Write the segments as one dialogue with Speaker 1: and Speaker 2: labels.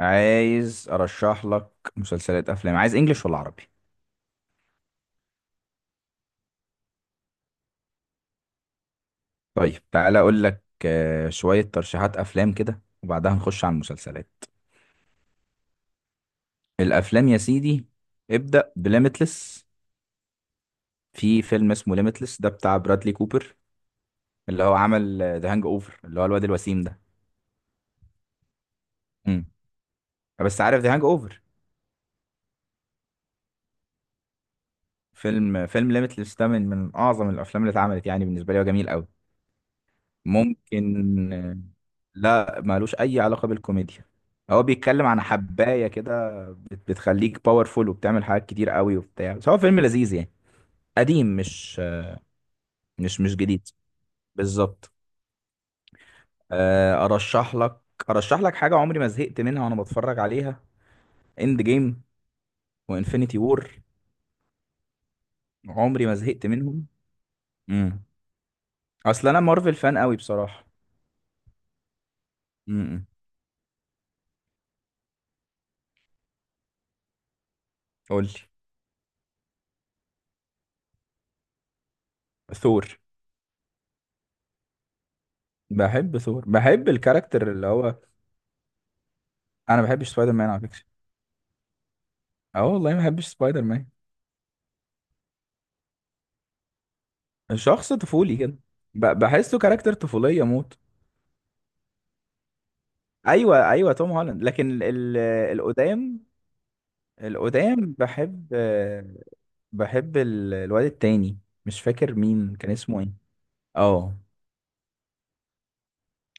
Speaker 1: عايز ارشح لك مسلسلات افلام، عايز انجليش ولا عربي؟ طيب تعالى اقول لك شوية ترشيحات افلام كده وبعدها نخش على المسلسلات. الافلام يا سيدي، ابدأ بليميتلس. في فيلم اسمه ليميتلس ده بتاع برادلي كوبر، اللي هو عمل ذا هانج اوفر، اللي هو الواد الوسيم ده. امم بس عارف ذا هانج اوفر. فيلم ليميتلس ده من اعظم الافلام اللي اتعملت يعني بالنسبة لي، وجميل قوي. ممكن لا، مالوش اي علاقة بالكوميديا. هو بيتكلم عن حباية كده، بتخليك باورفول وبتعمل حاجات كتير قوي وبتاع، بس هو فيلم لذيذ يعني. قديم، مش مش جديد بالظبط. ارشح لك، ارشح لك حاجه عمري ما زهقت منها وانا بتفرج عليها: اند جيم وانفينيتي وور. عمري ما زهقت منهم. امم اصل انا مارفل فان قوي بصراحه. امم قول لي. ثور. بحب ثور، بحب الكاركتر اللي هو. انا ما بحبش سبايدر مان على فكره. اه والله ما بحبش سبايدر مان. شخص طفولي كده. بحسه كاركتر طفوليه موت. ايوه ايوه، توم هولاند، لكن القدام، القدام بحب. بحب الواد التاني، مش فاكر مين كان اسمه ايه. اه،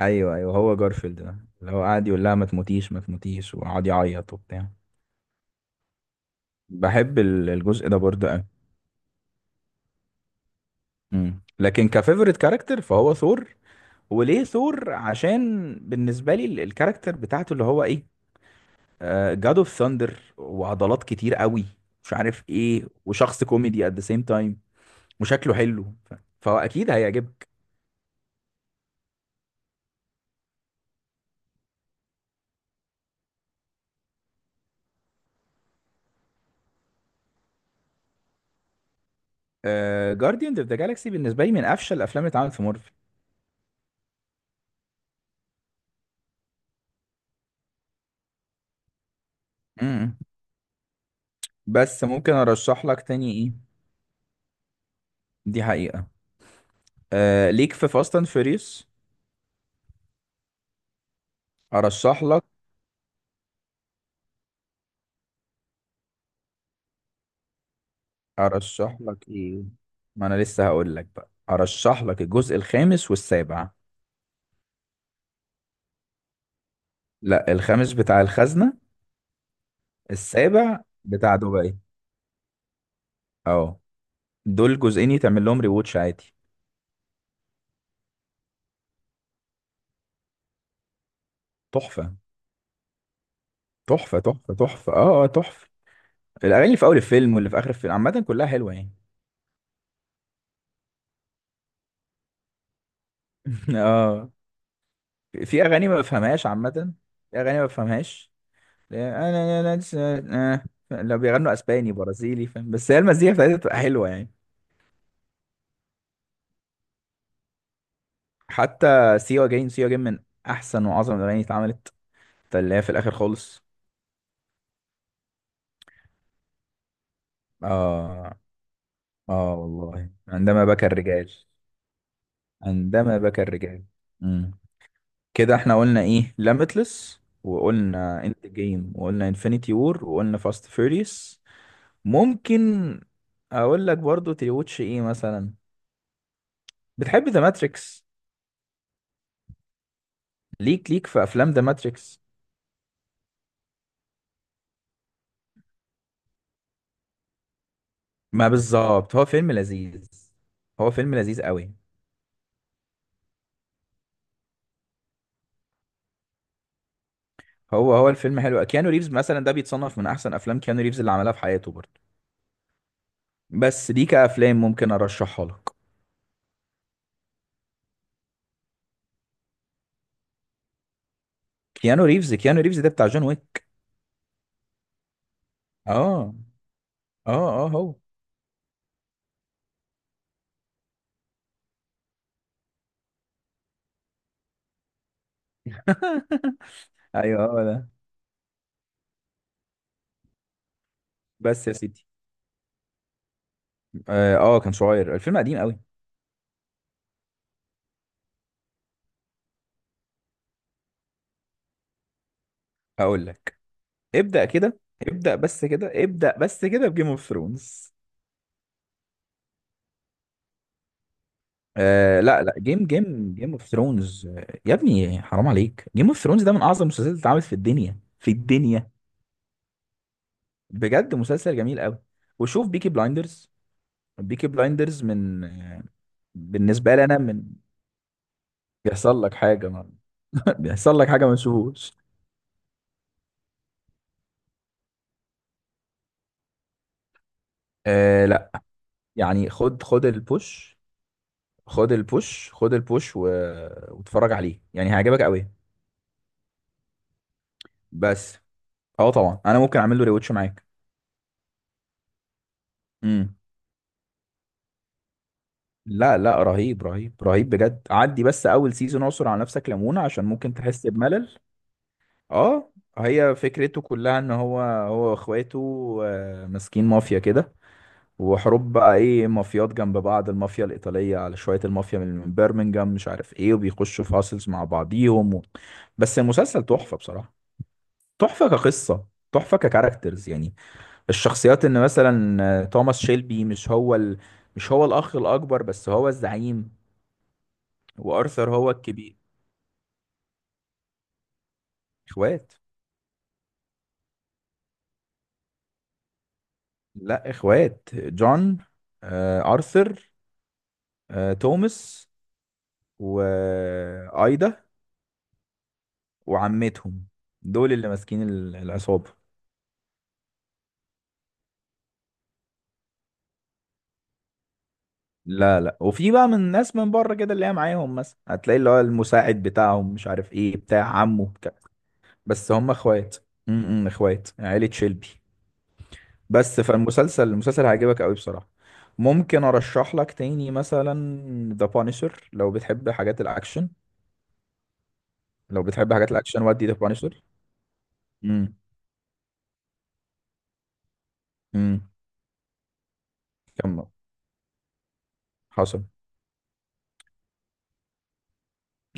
Speaker 1: ايوه ايوه، هو جارفيلد ده اللي هو قاعد يقول لها ما تموتيش ما تموتيش وقعد يعيط وبتاع. بحب الجزء ده برضه قوي. لكن كفيفوريت كاركتر فهو ثور. وليه ثور؟ عشان بالنسبه لي الكاركتر بتاعته اللي هو ايه، جاد اوف ثاندر وعضلات كتير قوي مش عارف ايه، وشخص كوميدي ات ذا سيم تايم، وشكله حلو. فهو اكيد هيعجبك. جارديان اوف ذا جالاكسي بالنسبه لي من افشل الافلام اللي اتعملت في مارفل. امم بس ممكن ارشح لك تاني ايه؟ دي حقيقه. آه ليك في فاست اند فيريوس. ارشح لك، ارشح لك ايه، ما انا لسه هقول لك بقى. ارشح لك الجزء الخامس والسابع. لا، الخامس بتاع الخزنه، السابع بتاع دبي. اه، دول جزئين يتعمل لهم ريواتش عادي. تحفه تحفه تحفه، اه، تحفه. الاغاني اللي في اول الفيلم واللي في اخر الفيلم عامه كلها حلوه يعني. اه، في اغاني ما بفهمهاش عامه، في اغاني ما بفهمهاش. انا، انا أنا- لسه- آه. لو بيغنوا اسباني برازيلي فاهم، بس هي المزيكا بتاعتها بتبقى حلوه يعني. حتى سيوا جاين، سيوا جاين من احسن واعظم الاغاني اللي اتعملت، اللي هي في الاخر خالص. اه، اه والله، عندما بكى الرجال. عندما بكى الرجال. امم كده احنا قلنا ايه: ليميتلس، وقلنا انت جيم، وقلنا انفينيتي وور، وقلنا فاست فيوريوس. ممكن اقول لك برضو تريوتش ايه مثلا. بتحب ذا ماتريكس؟ ليك، ليك في افلام ذا ماتريكس. ما بالظبط، هو فيلم لذيذ، هو فيلم لذيذ قوي. هو الفيلم حلو. كيانو ريفز مثلا ده بيتصنف من احسن افلام كيانو ريفز اللي عملها في حياته برضو. بس دي كافلام ممكن ارشحها لك. كيانو ريفز ده بتاع جون ويك. اه، اه اه، هو. ايوه، هو ده. بس يا سيدي، اه، كان صغير، الفيلم قديم قوي. هقول لك، ابدأ كده ابدأ بس كده. ابدأ بس كده بجيم اوف ثرونز. آه لا لا، جيم جيم اوف ثرونز. يا ابني حرام عليك، جيم اوف ثرونز ده من اعظم المسلسلات اللي اتعملت في الدنيا، في الدنيا. بجد مسلسل جميل قوي. وشوف بيكي بلايندرز. بيكي بلايندرز من بالنسبة لي انا من، بيحصل لك حاجة ما. بيحصل لك حاجة ما تشوفوش. آه لا، يعني خد، خد البوش، خد البوش، واتفرج عليه يعني هيعجبك قوي. بس اه طبعا، انا ممكن اعمل له ريوتش معاك. امم، لا لا، رهيب رهيب رهيب بجد، عدي بس اول سيزون، اعصر على نفسك ليمونه عشان ممكن تحس بملل. اه، هي فكرته كلها ان هو واخواته ماسكين مافيا كده، وحروب بقى ايه، مافيات جنب بعض، المافيا الايطاليه على شويه، المافيا من بيرمنجهام مش عارف ايه، وبيخشوا في هاسلز مع بعضيهم. و... بس المسلسل تحفه بصراحه، تحفه كقصه، تحفه ككاركترز يعني. الشخصيات، ان مثلا توماس شيلبي مش هو ال، مش هو الاخ الاكبر بس هو الزعيم. وارثر هو الكبير. اخوات. لا، اخوات، جون، ارثر، توماس، وايدا، وعمتهم، دول اللي ماسكين العصابة. لا لا، وفي بقى من ناس من بره كده اللي هي معاهم، مثلا هتلاقي اللي هو المساعد بتاعهم مش عارف ايه بتاع عمه بتاع. بس هم اخوات، امم، اخوات، عيلة شيلبي. بس فالمسلسل هيعجبك قوي بصراحة. ممكن ارشح لك تاني مثلا ذا بانيشر، لو بتحب حاجات الاكشن. لو بتحب حاجات الاكشن ودي ذا بانشر. امم امم، كمل. حصل.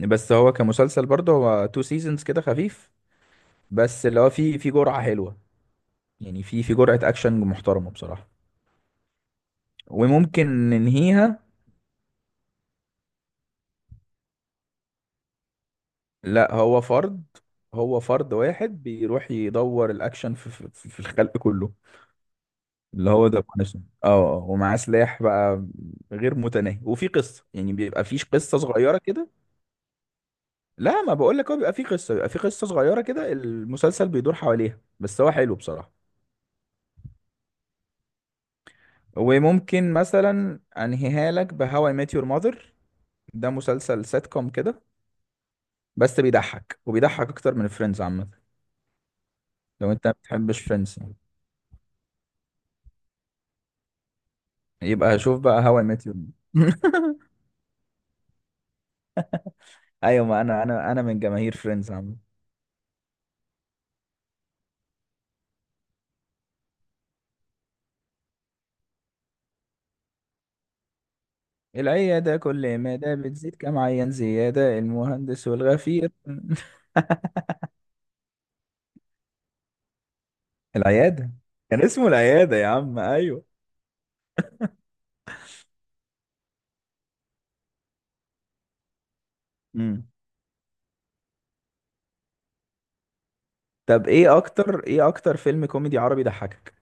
Speaker 1: بس هو كمسلسل برضه هو تو سيزونز كده خفيف، بس اللي هو في جرعة حلوة يعني، في جرعة اكشن محترمة بصراحة، وممكن ننهيها. لا، هو فرد، هو فرد واحد بيروح يدور الاكشن في الخلق كله. اللي هو ذا بانشر، اه، ومعاه سلاح بقى غير متناهي، وفي قصة يعني، بيبقى فيش قصة صغيرة كده. لا ما بقول لك، هو بيبقى فيه قصه، بيبقى فيه قصه صغيره كده، المسلسل بيدور حواليها، بس هو حلو بصراحه. وممكن مثلا انهيها لك بهاو اي ميت يور ماذر. ده مسلسل سيت كوم كده، بس بيضحك، وبيضحك اكتر من فريندز عامه. لو انت ما بتحبش فريندز يبقى شوف بقى هاو اي ميت يور. ايوه، ما انا، انا من جماهير فريندز عامه. العياده كل ما ده بتزيد كم عيان زياده، المهندس والغفير. العياده، كان اسمه العياده يا عم، ايوه. مم. طب ايه اكتر، ايه اكتر فيلم كوميدي عربي ضحكك؟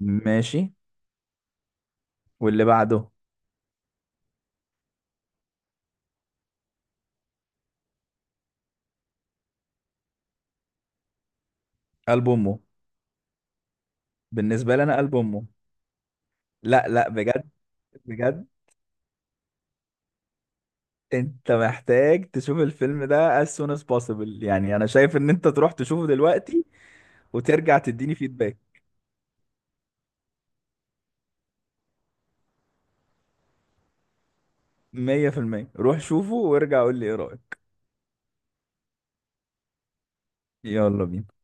Speaker 1: ماشي. واللي بعده؟ قلب امه. بالنسبه لي انا قلب امه. لا لا بجد، بجد انت محتاج تشوف الفيلم ده as soon as possible، يعني انا شايف ان انت تروح تشوفه دلوقتي وترجع تديني فيدباك. 100%. روح شوفه وارجع قول لي ايه رايك. يلا بينا.